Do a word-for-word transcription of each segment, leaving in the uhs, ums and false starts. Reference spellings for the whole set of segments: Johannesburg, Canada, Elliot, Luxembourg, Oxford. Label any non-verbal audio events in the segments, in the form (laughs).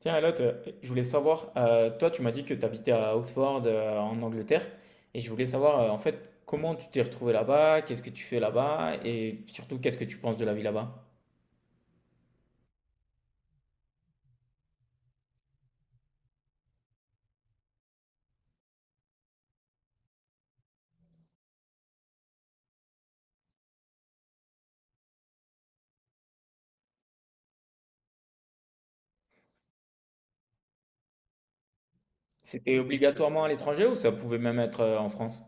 Tiens, Elliot, euh, je voulais savoir, euh, toi, tu m'as dit que tu habitais à Oxford, euh, en Angleterre, et je voulais savoir, euh, en fait, comment tu t'es retrouvé là-bas, qu'est-ce que tu fais là-bas, et surtout, qu'est-ce que tu penses de la vie là-bas? C'était obligatoirement à l'étranger ou ça pouvait même être euh, en France?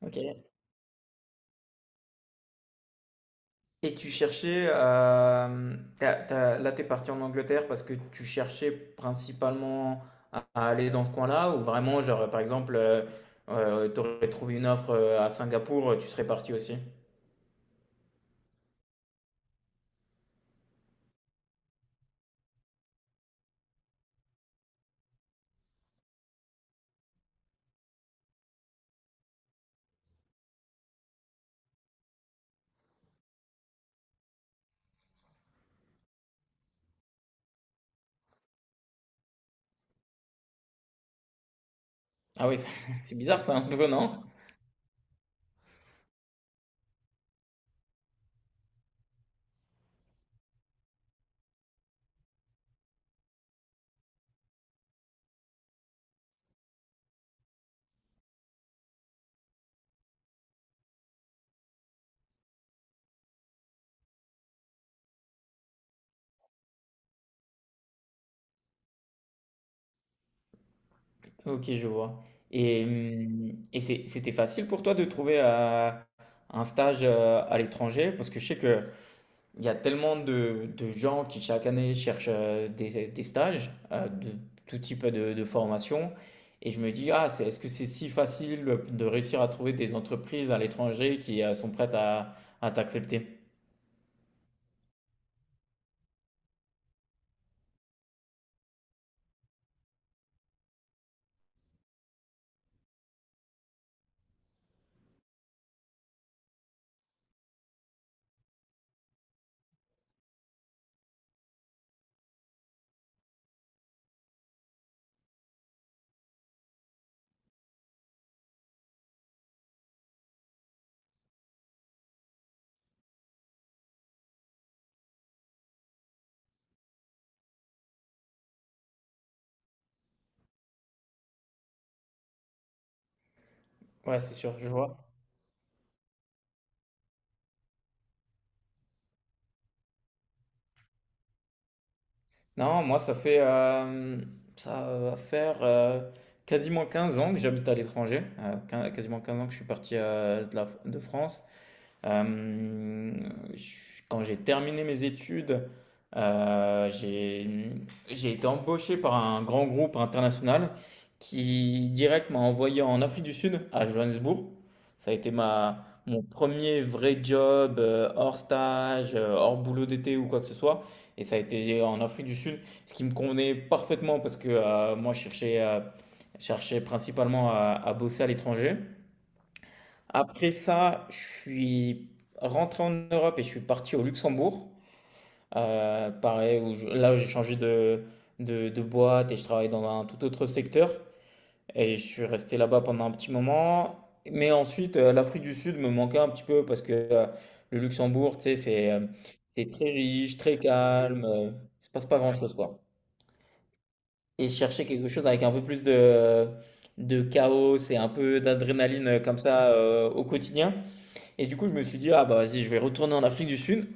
Ok. Et tu cherchais, euh, t'as- t'as- là, t'es parti en Angleterre parce que tu cherchais principalement à, à aller dans ce coin-là, ou vraiment, genre, par exemple, tu aurais trouvé une offre euh, à Singapour, tu serais parti aussi? Ah oui, (laughs) c'est bizarre ça, un peu, non? Ok, je vois. Et, hum, et c'est- c'était facile pour toi de trouver euh, un stage euh, à l'étranger? Parce que je sais qu'il y a tellement de, de gens qui chaque année cherchent euh, des, des stages euh, de tout type de, de formation. Et je me dis, ah, c'est, est-ce que c'est si facile de réussir à trouver des entreprises à l'étranger qui euh, sont prêtes à, à t'accepter? Ouais, c'est sûr, je vois. Non, moi, ça fait, euh, ça va faire euh, quasiment quinze ans que j'habite à l'étranger. Euh, quin- quasiment quinze ans que je suis parti euh, de la- de France. Euh, quand j'ai terminé mes études, euh, j'ai j'ai été embauché par un grand groupe international qui direct m'a envoyé en Afrique du Sud, à Johannesburg. Ça a été ma, mon premier vrai job euh, hors stage, euh, hors boulot d'été ou quoi que ce soit. Et ça a été en Afrique du Sud, ce qui me convenait parfaitement parce que euh, moi je cherchais, euh, je cherchais principalement à, à bosser à l'étranger. Après ça, je suis rentré en Europe et je suis parti au Luxembourg. Euh, pareil, où je- là, j'ai changé de, de, de boîte et je travaille dans un tout autre secteur. Et je suis resté là-bas pendant un petit moment. Mais ensuite, euh, l'Afrique du Sud me manquait un petit peu parce que euh, le Luxembourg, tu sais, c'est euh, c'est très riche, très calme. Euh, il se passe pas grand-chose, quoi. Et je cherchais quelque chose avec un peu plus de, de chaos et un peu d'adrénaline euh, comme ça euh, au quotidien. Et du coup, je me suis dit, ah bah vas-y, je vais retourner en Afrique du Sud.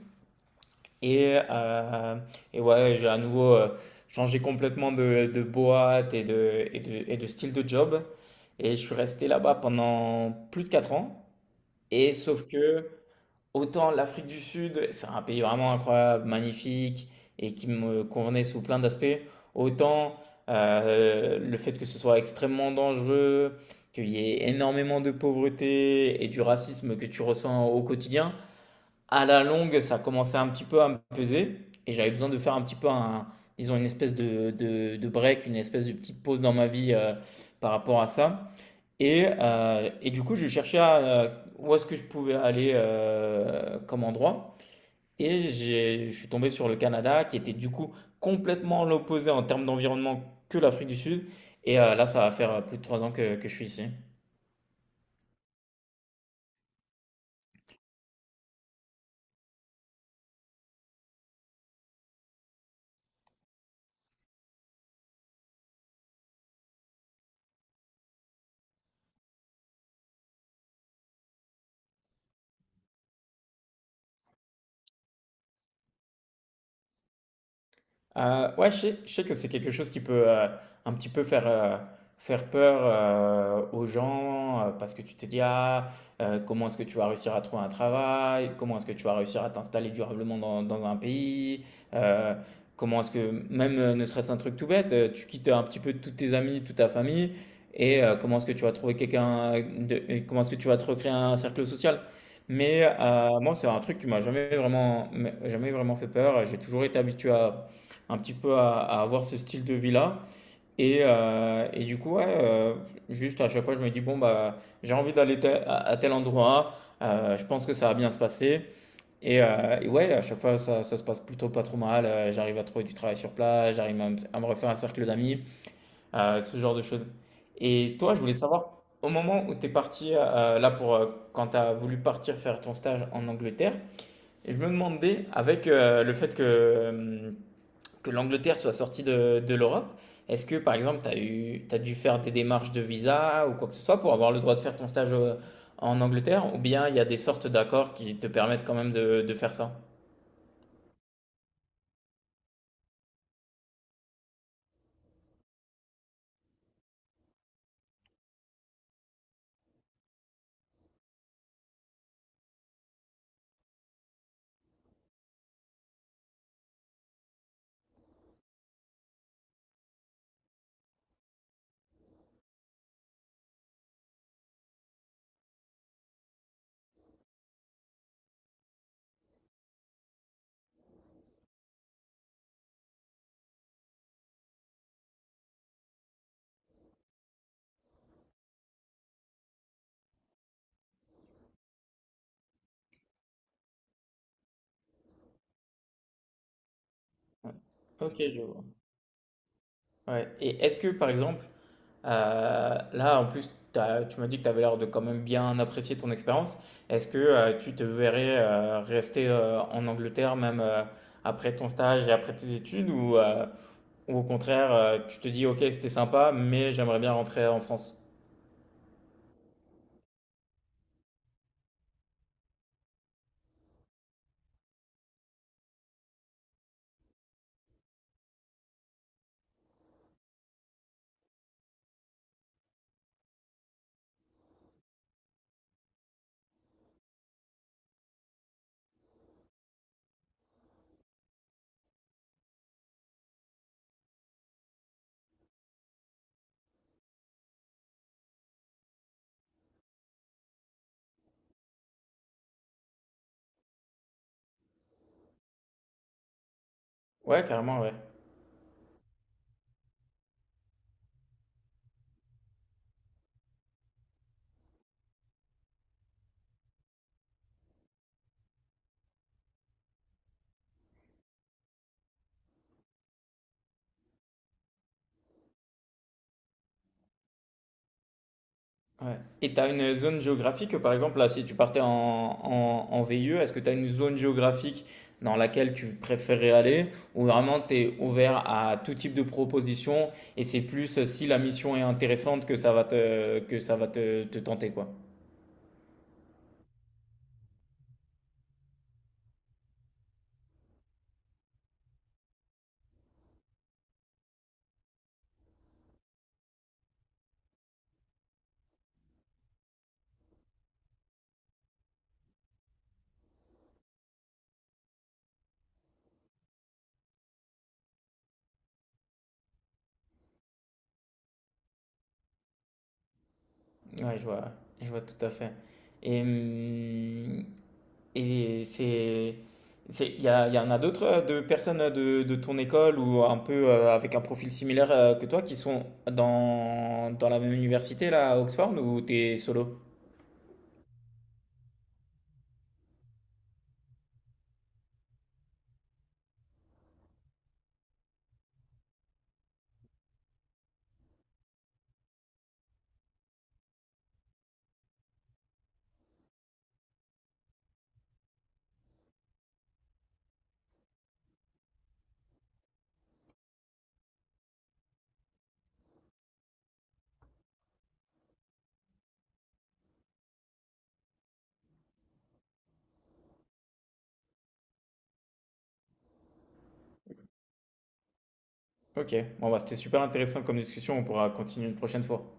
Et, euh, et ouais, j'ai à nouveau euh, changé complètement de, de boîte et de, et de, et de style de job. Et je suis resté là-bas pendant plus de quatre ans. Et sauf que, autant l'Afrique du Sud, c'est un pays vraiment incroyable, magnifique, et qui me convenait sous plein d'aspects, autant euh, le fait que ce soit extrêmement dangereux, qu'il y ait énormément de pauvreté et du racisme que tu ressens au quotidien, à la longue, ça commençait un petit peu à me peser et j'avais besoin de faire un petit peu un, disons, une espèce de, de, de break, une espèce de petite pause dans ma vie euh, par rapport à ça. Et, euh, et du coup, je cherchais à, euh, où est-ce que je pouvais aller euh, comme endroit. Et j'ai- je suis tombé sur le Canada, qui était du coup complètement l'opposé en termes d'environnement que l'Afrique du Sud. Et euh, là, ça va faire euh, plus de trois ans que, que je suis ici. Euh, ouais, je sais, je sais que c'est quelque chose qui peut euh, un petit peu faire, euh, faire peur euh, aux gens euh, parce que tu te dis, ah, euh, comment est-ce que tu vas réussir à trouver un travail? Comment est-ce que tu vas réussir à t'installer durablement dans, dans un pays? Euh, comment est-ce que, même euh, ne serait-ce un truc tout bête, euh, tu quittes un petit peu tous tes amis, toute ta famille et euh, comment est-ce que tu vas trouver quelqu'un, de- et comment est-ce que tu vas te recréer un cercle social? Mais euh, moi, c'est un truc qui m'a jamais vraiment, jamais vraiment fait peur. J'ai toujours été habitué à un petit peu à, à avoir ce style de vie-là. Et, euh, et du coup, ouais, euh, juste à chaque fois, je me dis, bon, bah, j'ai envie d'aller tel- à, à tel endroit, euh, je pense que ça va bien se passer. Et, euh, et ouais, à chaque fois, ça, ça se passe plutôt pas trop mal. Euh, j'arrive à trouver du travail sur place, j'arrive à, me à me refaire un cercle d'amis, euh, ce genre de choses. Et toi, je voulais savoir, au moment où tu es parti, euh, là, pour, euh, quand tu as voulu partir faire ton stage en Angleterre, et je me demandais, avec euh, le fait que euh, que l'Angleterre soit sortie de, de l'Europe, est-ce que par exemple, tu as eu, t'as dû faire des démarches de visa ou quoi que ce soit pour avoir le droit de faire ton stage euh, en Angleterre, ou bien il y a des sortes d'accords qui te permettent quand même de, de faire ça? Ouais. Ok, je vois. Ouais. Et est-ce que par exemple, euh, là en plus, t'as- tu m'as dit que tu avais l'air de quand même bien apprécier ton expérience, est-ce que euh, tu te verrais euh, rester euh, en Angleterre même euh, après ton stage et après tes études, ou, euh, ou au contraire, euh, tu te dis, ok, c'était sympa, mais j'aimerais bien rentrer en France. Ouais, carrément, ouais. Ouais. Et tu as une zone géographique, par exemple, là, si tu partais en, en, en V I E, est-ce que tu as une zone géographique dans laquelle tu préférais aller ou vraiment tu es ouvert à tout type de proposition et c'est plus euh, si la mission est intéressante que ça va te, que ça va te, te tenter, quoi. Ouais, je vois, je vois tout à fait. Et hum, et c'est, c'est, il y, a- il y en a d'autres euh, de personnes de, de ton école ou un peu euh, avec un profil similaire euh, que toi qui sont dans, dans la même université là à Oxford ou t'es solo? Ok, bon bah c'était super intéressant comme discussion, on pourra continuer une prochaine fois.